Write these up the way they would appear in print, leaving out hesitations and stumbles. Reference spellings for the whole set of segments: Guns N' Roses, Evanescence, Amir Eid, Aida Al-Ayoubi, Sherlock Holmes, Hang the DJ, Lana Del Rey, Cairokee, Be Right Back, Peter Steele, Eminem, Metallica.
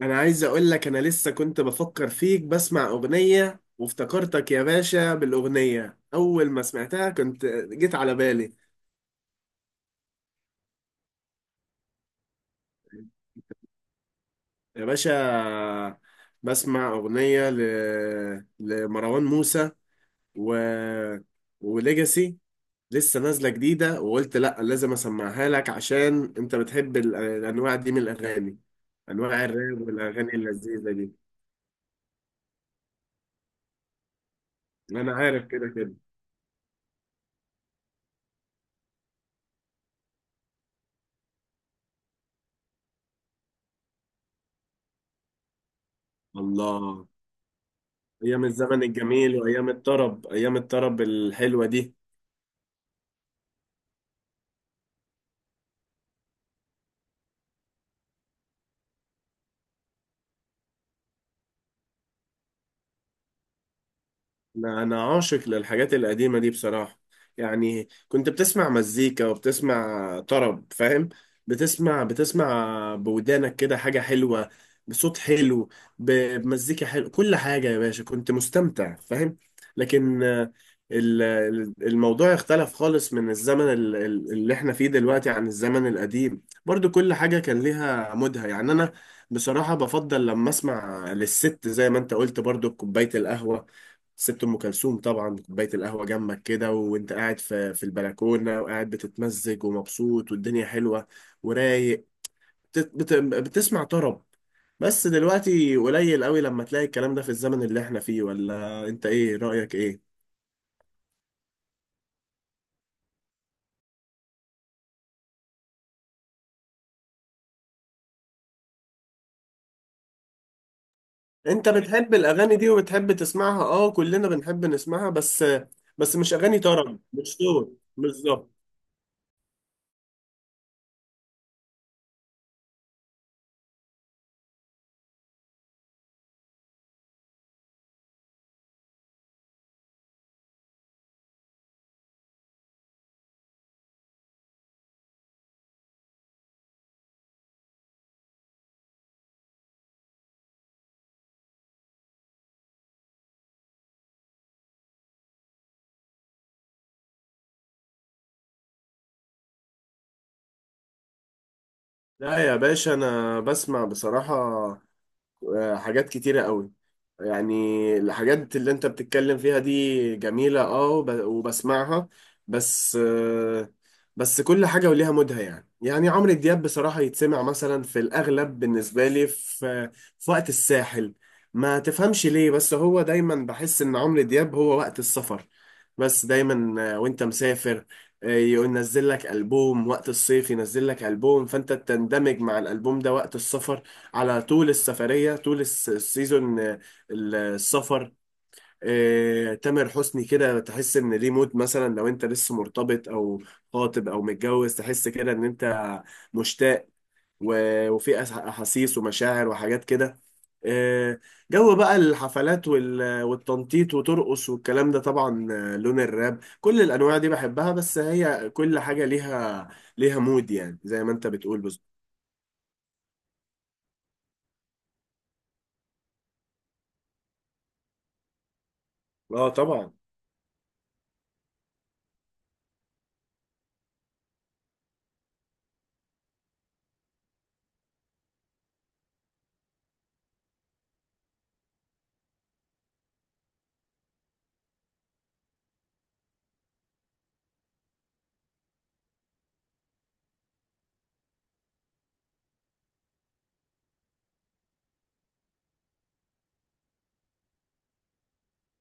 انا عايز اقول لك انا لسه كنت بفكر فيك بسمع اغنية وافتكرتك يا باشا. بالاغنية اول ما سمعتها كنت جيت على بالي يا باشا. بسمع اغنية ل... لمروان موسى و... وليجاسي لسه نازلة جديدة، وقلت لا لازم اسمعها لك عشان انت بتحب الانواع دي من الاغاني، انواع الراب والاغاني اللذيذة دي. انا عارف كده كده. الله، ايام الزمن الجميل وايام الطرب، ايام الطرب الحلوه دي. أنا عاشق للحاجات القديمه دي بصراحه. يعني كنت بتسمع مزيكا وبتسمع طرب، فاهم؟ بتسمع بودانك كده حاجه حلوه بصوت حلو، ب- بمزيكا حلو، كل حاجه يا باشا كنت مستمتع، فاهم؟ لكن الموضوع اختلف خالص من الزمن اللي احنا فيه دلوقتي عن الزمن القديم. برضو كل حاجه كان ليها مودها، يعني انا بصراحه بفضل لما اسمع للست زي ما انت قلت، برضو بكوبايه القهوه. سبت ام كلثوم طبعا، كوبايه القهوه جنبك كده وانت قاعد في البلكونه، وقاعد بتتمزج ومبسوط والدنيا حلوه ورايق، بتسمع طرب. بس دلوقتي قليل قوي لما تلاقي الكلام ده في الزمن اللي احنا فيه، ولا انت ايه رايك ايه؟ انت بتحب الاغاني دي وبتحب تسمعها، اه كلنا بنحب نسمعها، بس مش اغاني طرب، مش شور بالظبط. لا يا باشا انا بسمع بصراحه، حاجات كتيرة قوي. يعني الحاجات اللي انت بتتكلم فيها دي جميلة اه وب- وبسمعها، بس بس كل حاجة وليها مودها، يعني يعني عمرو دياب بصراحة يتسمع مثلا في الأغلب بالنسبة لي في في وقت الساحل. ما تفهمش ليه بس هو دايما بحس إن عمرو دياب هو وقت السفر، بس دايما وانت مسافر، يقول نزل لك ألبوم وقت الصيف، ينزل لك ألبوم فانت تندمج مع الألبوم ده وقت السفر، على طول السفرية، طول السيزون، السفر. تامر حسني كده تحس ان ليه مود، مثلا لو انت لسه مرتبط او خاطب او متجوز تحس كده ان انت مشتاق، و- وفي احاسيس ومشاعر وحاجات كده. آه، جو بقى الحفلات وال- والتنطيط وترقص والكلام ده طبعا، لون الراب كل الانواع دي بحبها، بس هي كل حاجة ليها ليها مود يعني زي ما انت بتقول بالظبط. اه طبعا.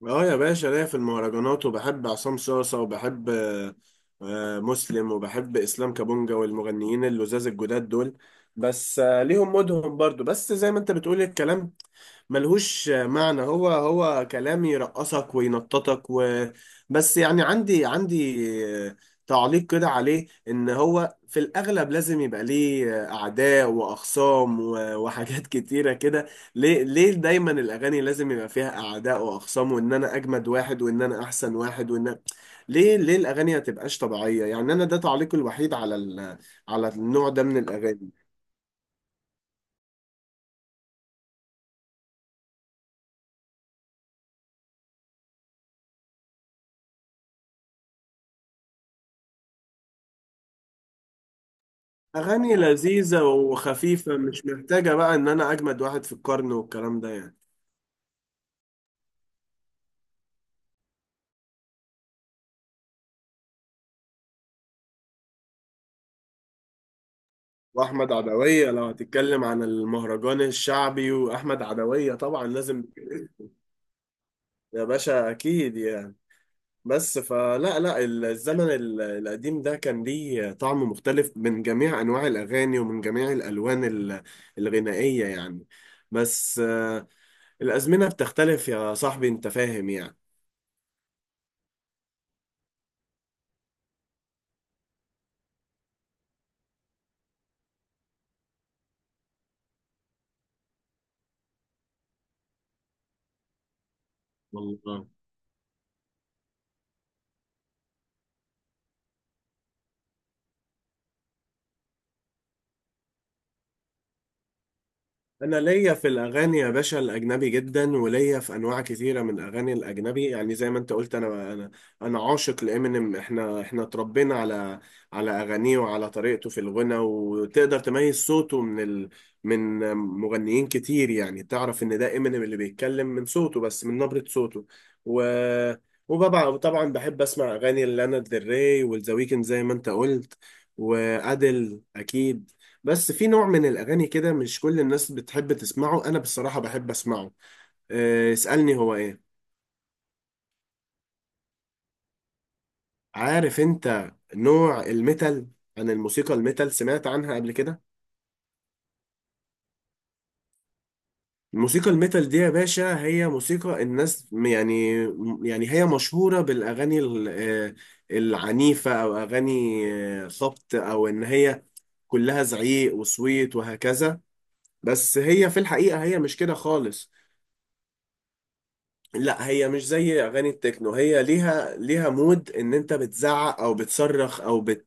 اه يا باشا ليا في المهرجانات وبحب عصام صاصة وبحب، مسلم وبحب اسلام كابونجا والمغنيين اللزاز الجداد دول. بس ليهم مودهم برضو، بس زي ما انت بتقول الكلام ملهوش معنى، هو هو كلام يرقصك وينططك بس. يعني عندي تعليق كده عليه، ان هو في الاغلب لازم يبقى ليه اعداء واخصام و- وحاجات كتيره كده. ليه ليه دايما الاغاني لازم يبقى فيها اعداء واخصام، وان انا اجمد واحد، وان انا احسن واحد، وان ليه ليه الاغاني ما تبقاش طبيعيه؟ يعني انا ده تعليقي الوحيد على على النوع ده من الاغاني. أغاني لذيذة وخفيفة، مش محتاجة بقى إن أنا أجمد واحد في القرن والكلام ده يعني. وأحمد عدوية لو هتتكلم عن المهرجان الشعبي وأحمد عدوية طبعا لازم. يا باشا أكيد يعني. بس فلا لا الزمن القديم ده كان ليه طعم مختلف، من جميع أنواع الأغاني ومن جميع الألوان الغنائية يعني. بس الأزمنة بتختلف يا صاحبي، أنت فاهم يعني. والله. انا ليا في الاغاني يا باشا الاجنبي جدا، وليا في انواع كثيره من الاغاني الاجنبي، يعني زي ما انت قلت انا انا عاشق لامينيم. احنا اتربينا على على اغانيه وعلى طريقته في الغنى، وتقدر تميز صوته من من مغنيين كتير، يعني تعرف ان ده امينيم اللي بيتكلم من صوته، بس من نبره صوته. و وبابا طبعا بحب اسمع اغاني لانا دري والذا ويكند زي ما انت قلت، وادل اكيد. بس في نوع من الأغاني كده مش كل الناس بتحب تسمعه، أنا بصراحة بحب أسمعه. أه، اسألني هو إيه. عارف أنت نوع الميتال؟ عن الموسيقى الميتال سمعت عنها قبل كده؟ الموسيقى الميتال دي يا باشا هي موسيقى الناس يعني، يعني هي مشهورة بالأغاني العنيفة، أو أغاني خبط، أو إن هي كلها زعيق وصويت وهكذا، بس هي في الحقيقة هي مش كده خالص. لا هي مش زي اغاني التكنو، هي ليها ليها مود ان انت بتزعق او بتصرخ او بت،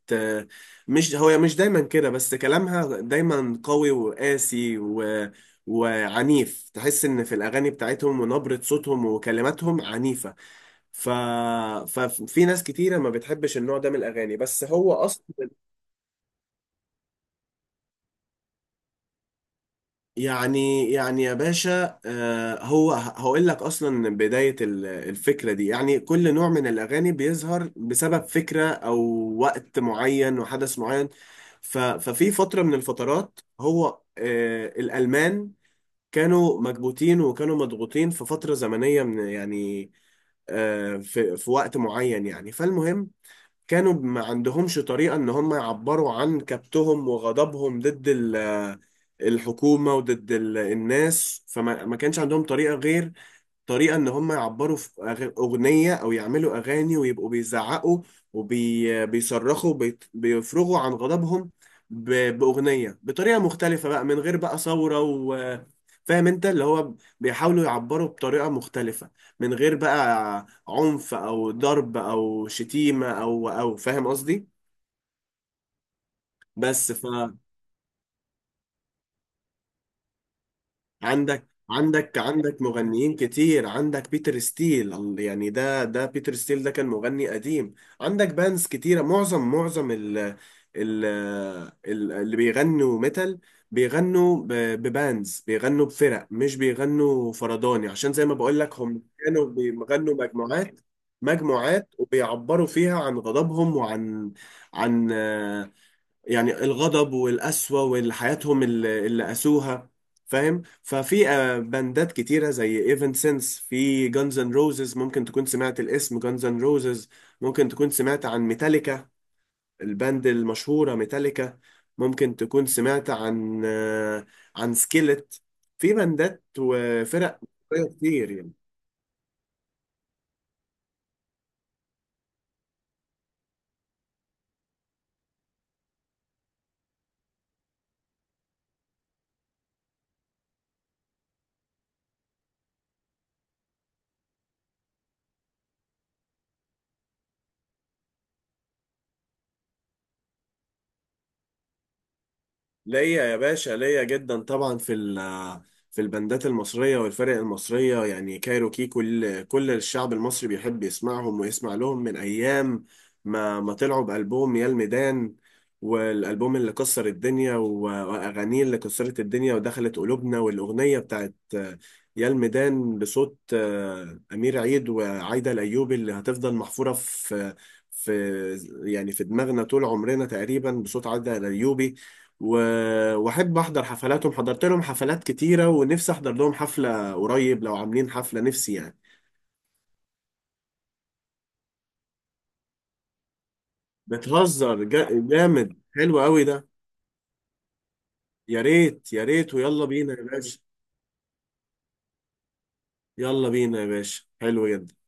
مش هو مش دايما كده، بس كلامها دايما قوي وقاسي وعنيف، تحس ان في الاغاني بتاعتهم ونبرة صوتهم وكلماتهم عنيفة. ف... ففي ناس كتيرة ما بتحبش النوع ده من الاغاني، بس هو اصلا. يعني يا باشا، هو هقول لك اصلا بداية الفكرة دي، يعني كل نوع من الاغاني بيظهر بسبب فكرة او وقت معين وحدث معين. ف- ففي فترة من الفترات هو الالمان كانوا مكبوتين وكانوا مضغوطين في فترة زمنية من يعني، في في وقت معين يعني، فالمهم كانوا ما عندهمش طريقة ان هم يعبروا عن كبتهم وغضبهم ضد الحكومة وضد الناس. فما ما كانش عندهم طريقة غير طريقة إن هم يعبروا في أغنية، أو يعملوا أغاني ويبقوا بيزعقوا وبيصرخوا، بيفرغوا عن غضبهم ب- بأغنية بطريقة مختلفة بقى، من غير بقى ثورة و، فاهم انت اللي هو بيحاولوا يعبروا بطريقة مختلفة، من غير بقى عنف او ضرب او شتيمة او او، فاهم قصدي؟ بس عندك مغنيين كتير، عندك بيتر ستيل يعني ده بيتر ستيل ده كان مغني قديم. عندك بانز كتيرة، معظم اللي بيغنوا ميتال بيغنوا ب- ببانز، بيغنوا بفرق، مش بيغنوا فرداني، عشان زي ما بقول لك هم كانوا بيغنوا مجموعات، مجموعات وبيعبروا فيها عن غضبهم وعن عن، يعني الغضب والقسوة والحياتهم اللي قاسوها فاهم. ففي باندات كتيرة زي ايفنسنس، في جانز اند روزز، ممكن تكون سمعت الاسم جانز اند روزز، ممكن تكون سمعت عن ميتاليكا، الباند المشهورة ميتاليكا، ممكن تكون سمعت عن عن سكيلت، في باندات وفرق كتير يعني. ليا يا باشا، ليا جدا طبعا في في البندات المصرية والفرق المصرية، يعني كايروكي كل كل الشعب المصري بيحب يسمعهم ويسمع لهم، من أيام ما طلعوا بألبوم يا الميدان، والألبوم اللي كسر الدنيا و- وأغانيه اللي كسرت الدنيا ودخلت قلوبنا، والأغنية بتاعت يا الميدان بصوت أمير عيد وعايدة الأيوبي، اللي هتفضل محفورة في في يعني في دماغنا طول عمرنا تقريبا بصوت عايدة الأيوبي، و- واحب احضر حفلاتهم، حضرت لهم حفلات كتيره، ونفسي احضر لهم حفله قريب لو عاملين حفله نفسي يعني. بتهزر، جامد حلو قوي ده. يا ريت يا ريت، ويلا بينا يا باشا. يلا بينا يا باشا، حلو جدا.